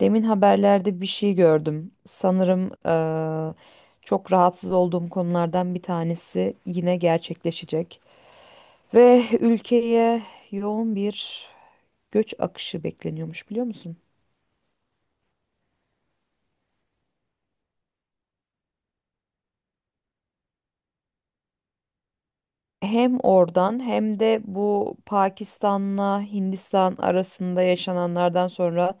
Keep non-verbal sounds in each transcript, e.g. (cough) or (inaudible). Demin haberlerde bir şey gördüm. Sanırım çok rahatsız olduğum konulardan bir tanesi yine gerçekleşecek. Ve (laughs) ülkeye yoğun bir göç akışı bekleniyormuş, biliyor musun? Hem oradan hem de bu Pakistan'la Hindistan arasında yaşananlardan sonra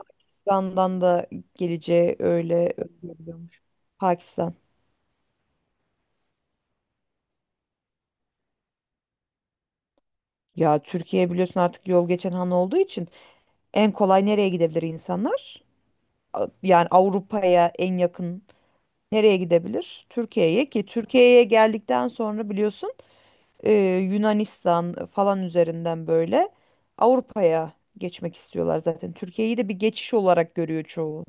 Hindistan'dan da geleceği öyle öngörülüyormuş. Pakistan. Ya Türkiye biliyorsun artık yol geçen han olduğu için en kolay nereye gidebilir insanlar? Yani Avrupa'ya en yakın nereye gidebilir? Türkiye'ye, ki Türkiye'ye geldikten sonra biliyorsun, e, Yunanistan falan üzerinden böyle Avrupa'ya geçmek istiyorlar zaten. Türkiye'yi de bir geçiş olarak görüyor çoğu.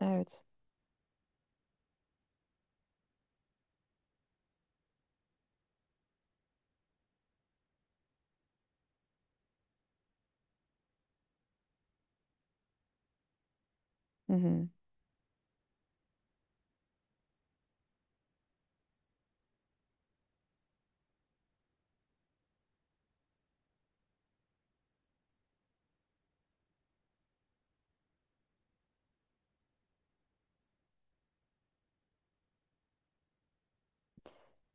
Evet. Hı hı.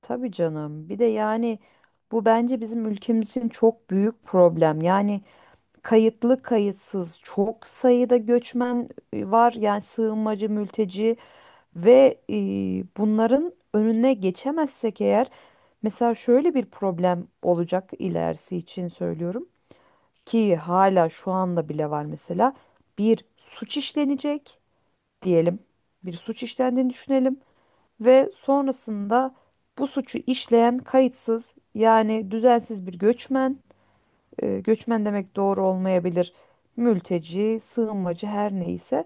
Tabii canım. Bir de yani bu bence bizim ülkemizin çok büyük problem. Yani kayıtlı kayıtsız çok sayıda göçmen var. Yani sığınmacı, mülteci. Ve bunların önüne geçemezsek eğer, mesela şöyle bir problem olacak, ilerisi için söylüyorum ki hala şu anda bile var mesela. Bir suç işlenecek diyelim, bir suç işlendiğini düşünelim ve sonrasında bu suçu işleyen kayıtsız, yani düzensiz bir göçmen, göçmen demek doğru olmayabilir, mülteci sığınmacı her neyse,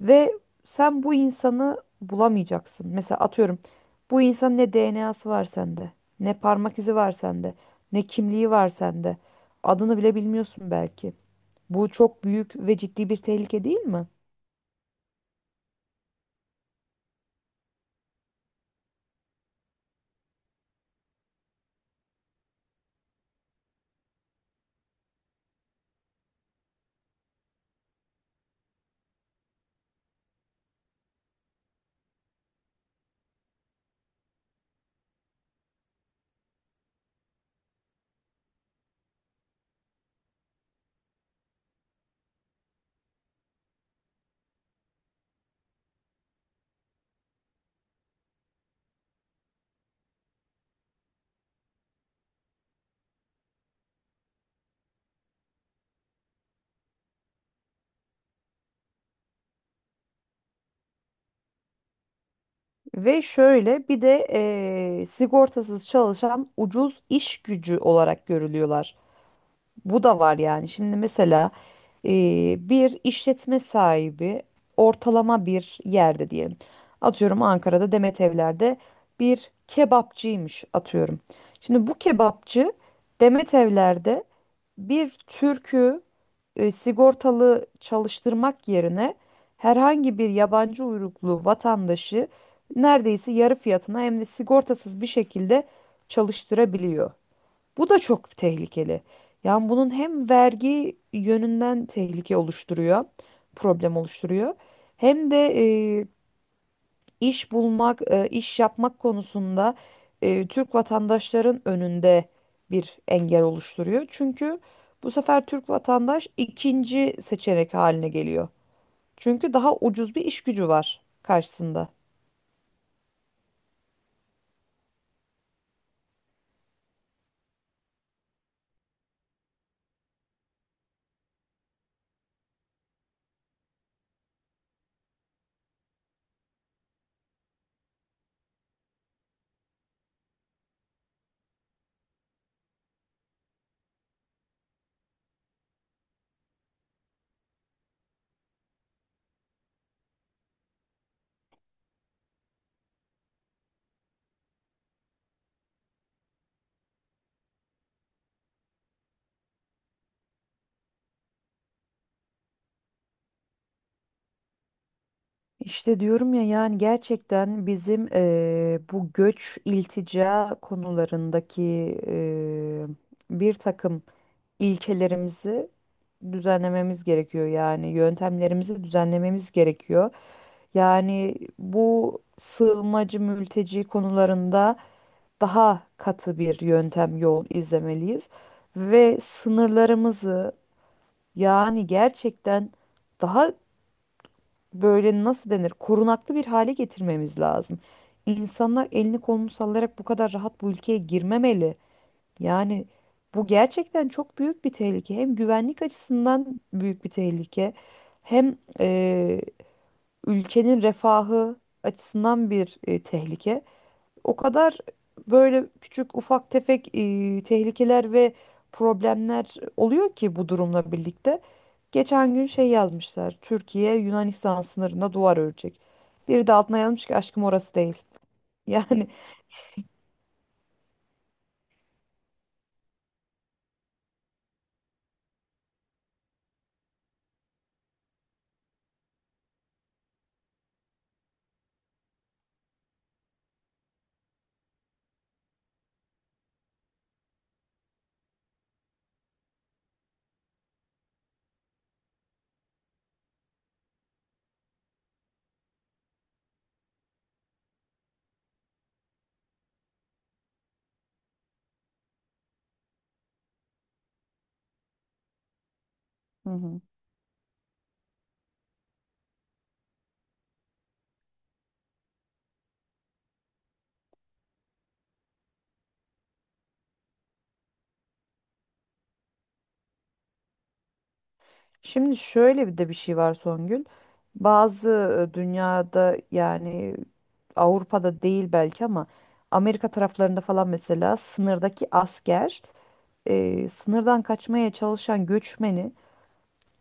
ve sen bu insanı bulamayacaksın. Mesela atıyorum, bu insanın ne DNA'sı var sende, ne parmak izi var sende, ne kimliği var sende. Adını bile bilmiyorsun belki. Bu çok büyük ve ciddi bir tehlike değil mi? Ve şöyle bir de sigortasız çalışan ucuz iş gücü olarak görülüyorlar. Bu da var yani. Şimdi mesela bir işletme sahibi ortalama bir yerde diyelim. Atıyorum, Ankara'da Demet Evler'de bir kebapçıymış atıyorum. Şimdi bu kebapçı Demet Evler'de bir Türk'ü sigortalı çalıştırmak yerine herhangi bir yabancı uyruklu vatandaşı neredeyse yarı fiyatına hem de sigortasız bir şekilde çalıştırabiliyor. Bu da çok tehlikeli. Yani bunun hem vergi yönünden tehlike oluşturuyor, problem oluşturuyor. Hem de e, iş bulmak, iş yapmak konusunda Türk vatandaşların önünde bir engel oluşturuyor. Çünkü bu sefer Türk vatandaş ikinci seçenek haline geliyor. Çünkü daha ucuz bir iş gücü var karşısında. İşte diyorum ya, yani gerçekten bizim bu göç iltica konularındaki eee, bir takım ilkelerimizi düzenlememiz gerekiyor. Yani yöntemlerimizi düzenlememiz gerekiyor. Yani bu sığınmacı mülteci konularında daha katı bir yöntem yol izlemeliyiz ve sınırlarımızı, yani gerçekten daha böyle, nasıl denir, korunaklı bir hale getirmemiz lazım. İnsanlar elini kolunu sallayarak bu kadar rahat bu ülkeye girmemeli. Yani bu gerçekten çok büyük bir tehlike. Hem güvenlik açısından büyük bir tehlike, hem ülkenin refahı açısından bir tehlike. O kadar böyle küçük ufak tefek tehlikeler ve problemler oluyor ki bu durumla birlikte. Geçen gün şey yazmışlar. Türkiye Yunanistan sınırında duvar örecek. Biri de altına yazmış ki aşkım orası değil. (laughs) Yani. Hı hı. Şimdi şöyle bir de bir şey var Songül. Bazı dünyada, yani Avrupa'da değil belki ama Amerika taraflarında falan, mesela sınırdaki asker, sınırdan kaçmaya çalışan göçmeni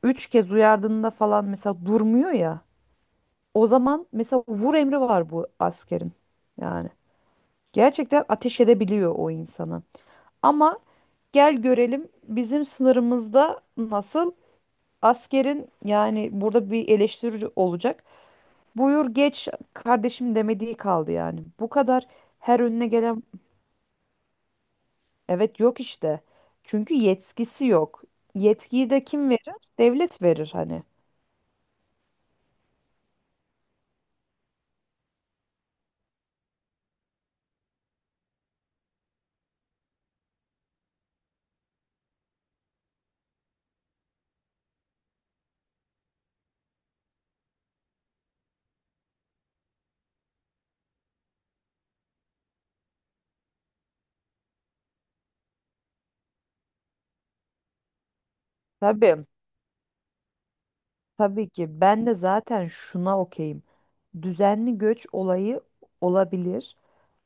üç kez uyardığında falan mesela durmuyor ya. O zaman mesela vur emri var bu askerin. Yani gerçekten ateş edebiliyor o insanı. Ama gel görelim bizim sınırımızda nasıl askerin, yani burada bir eleştiri olacak. Buyur geç kardeşim demediği kaldı yani. Bu kadar her önüne gelen evet yok işte. Çünkü yetkisi yok. Yetkiyi de kim verir? Devlet verir hani. Tabii. Tabii ki ben de zaten şuna okeyim. Düzenli göç olayı olabilir,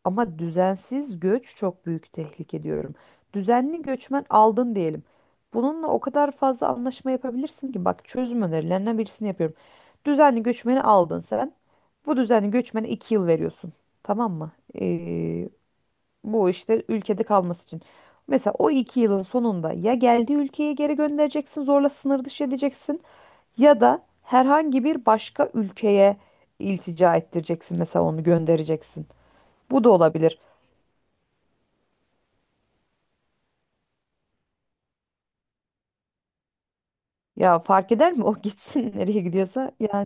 ama düzensiz göç çok büyük tehlike diyorum. Düzenli göçmen aldın diyelim. Bununla o kadar fazla anlaşma yapabilirsin ki, bak, çözüm önerilerinden birisini yapıyorum. Düzenli göçmeni aldın sen. Bu düzenli göçmene iki yıl veriyorsun. Tamam mı? Ee, Bu işte ülkede kalması için. Mesela o iki yılın sonunda ya geldiği ülkeye geri göndereceksin, zorla sınır dışı edeceksin, ya da herhangi bir başka ülkeye iltica ettireceksin, mesela onu göndereceksin. Bu da olabilir. Ya fark eder mi o, (laughs) gitsin nereye gidiyorsa yani.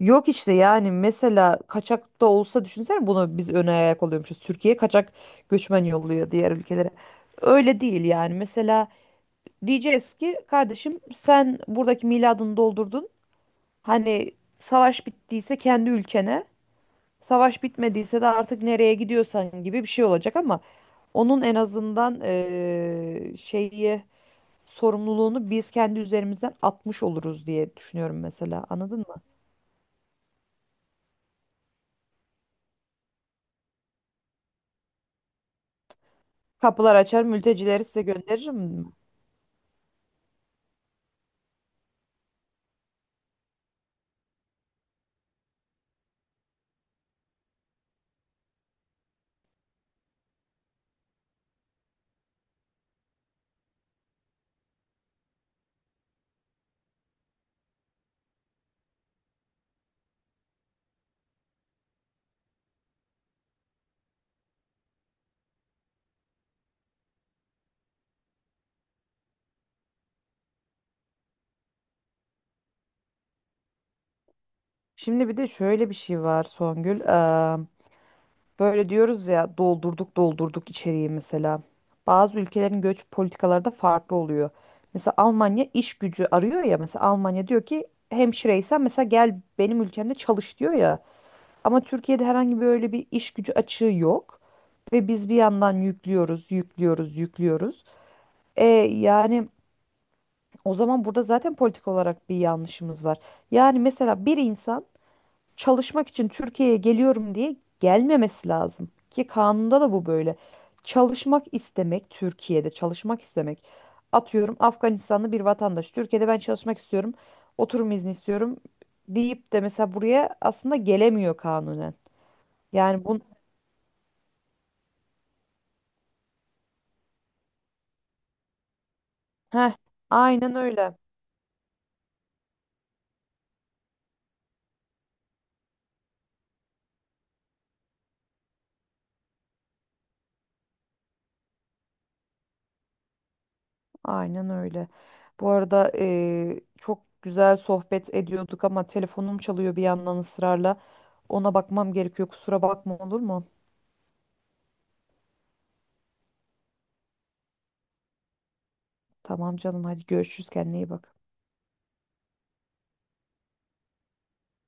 Yok işte, yani mesela kaçak da olsa düşünsene, bunu biz öne ayak oluyormuşuz. Türkiye kaçak göçmen yolluyor diğer ülkelere. Öyle değil yani. Mesela diyeceğiz ki kardeşim sen buradaki miladını doldurdun. Hani savaş bittiyse kendi ülkene, savaş bitmediyse de artık nereye gidiyorsan gibi bir şey olacak. Ama onun en azından şeyi, sorumluluğunu biz kendi üzerimizden atmış oluruz diye düşünüyorum mesela. Anladın mı? Kapılar açar, mültecileri size gönderirim mi? Şimdi bir de şöyle bir şey var Songül. Böyle diyoruz ya, doldurduk doldurduk içeriği mesela. Bazı ülkelerin göç politikaları da farklı oluyor. Mesela Almanya iş gücü arıyor ya, mesela Almanya diyor ki hemşireysen mesela gel benim ülkemde çalış diyor ya. Ama Türkiye'de herhangi bir öyle bir iş gücü açığı yok. Ve biz bir yandan yüklüyoruz, yüklüyoruz, yüklüyoruz. E, Yani o zaman burada zaten politik olarak bir yanlışımız var. Yani mesela bir insan çalışmak için Türkiye'ye geliyorum diye gelmemesi lazım. Ki kanunda da bu böyle. Çalışmak istemek, Türkiye'de çalışmak istemek. Atıyorum Afganistanlı bir vatandaş. Türkiye'de ben çalışmak istiyorum, oturum izni istiyorum deyip de mesela buraya aslında gelemiyor kanunen. Yani bunun, Heh, aynen öyle. Aynen öyle. Bu arada çok güzel sohbet ediyorduk ama telefonum çalıyor bir yandan ısrarla. Ona bakmam gerekiyor. Kusura bakma, olur mu? Tamam canım, hadi görüşürüz, kendine iyi bak.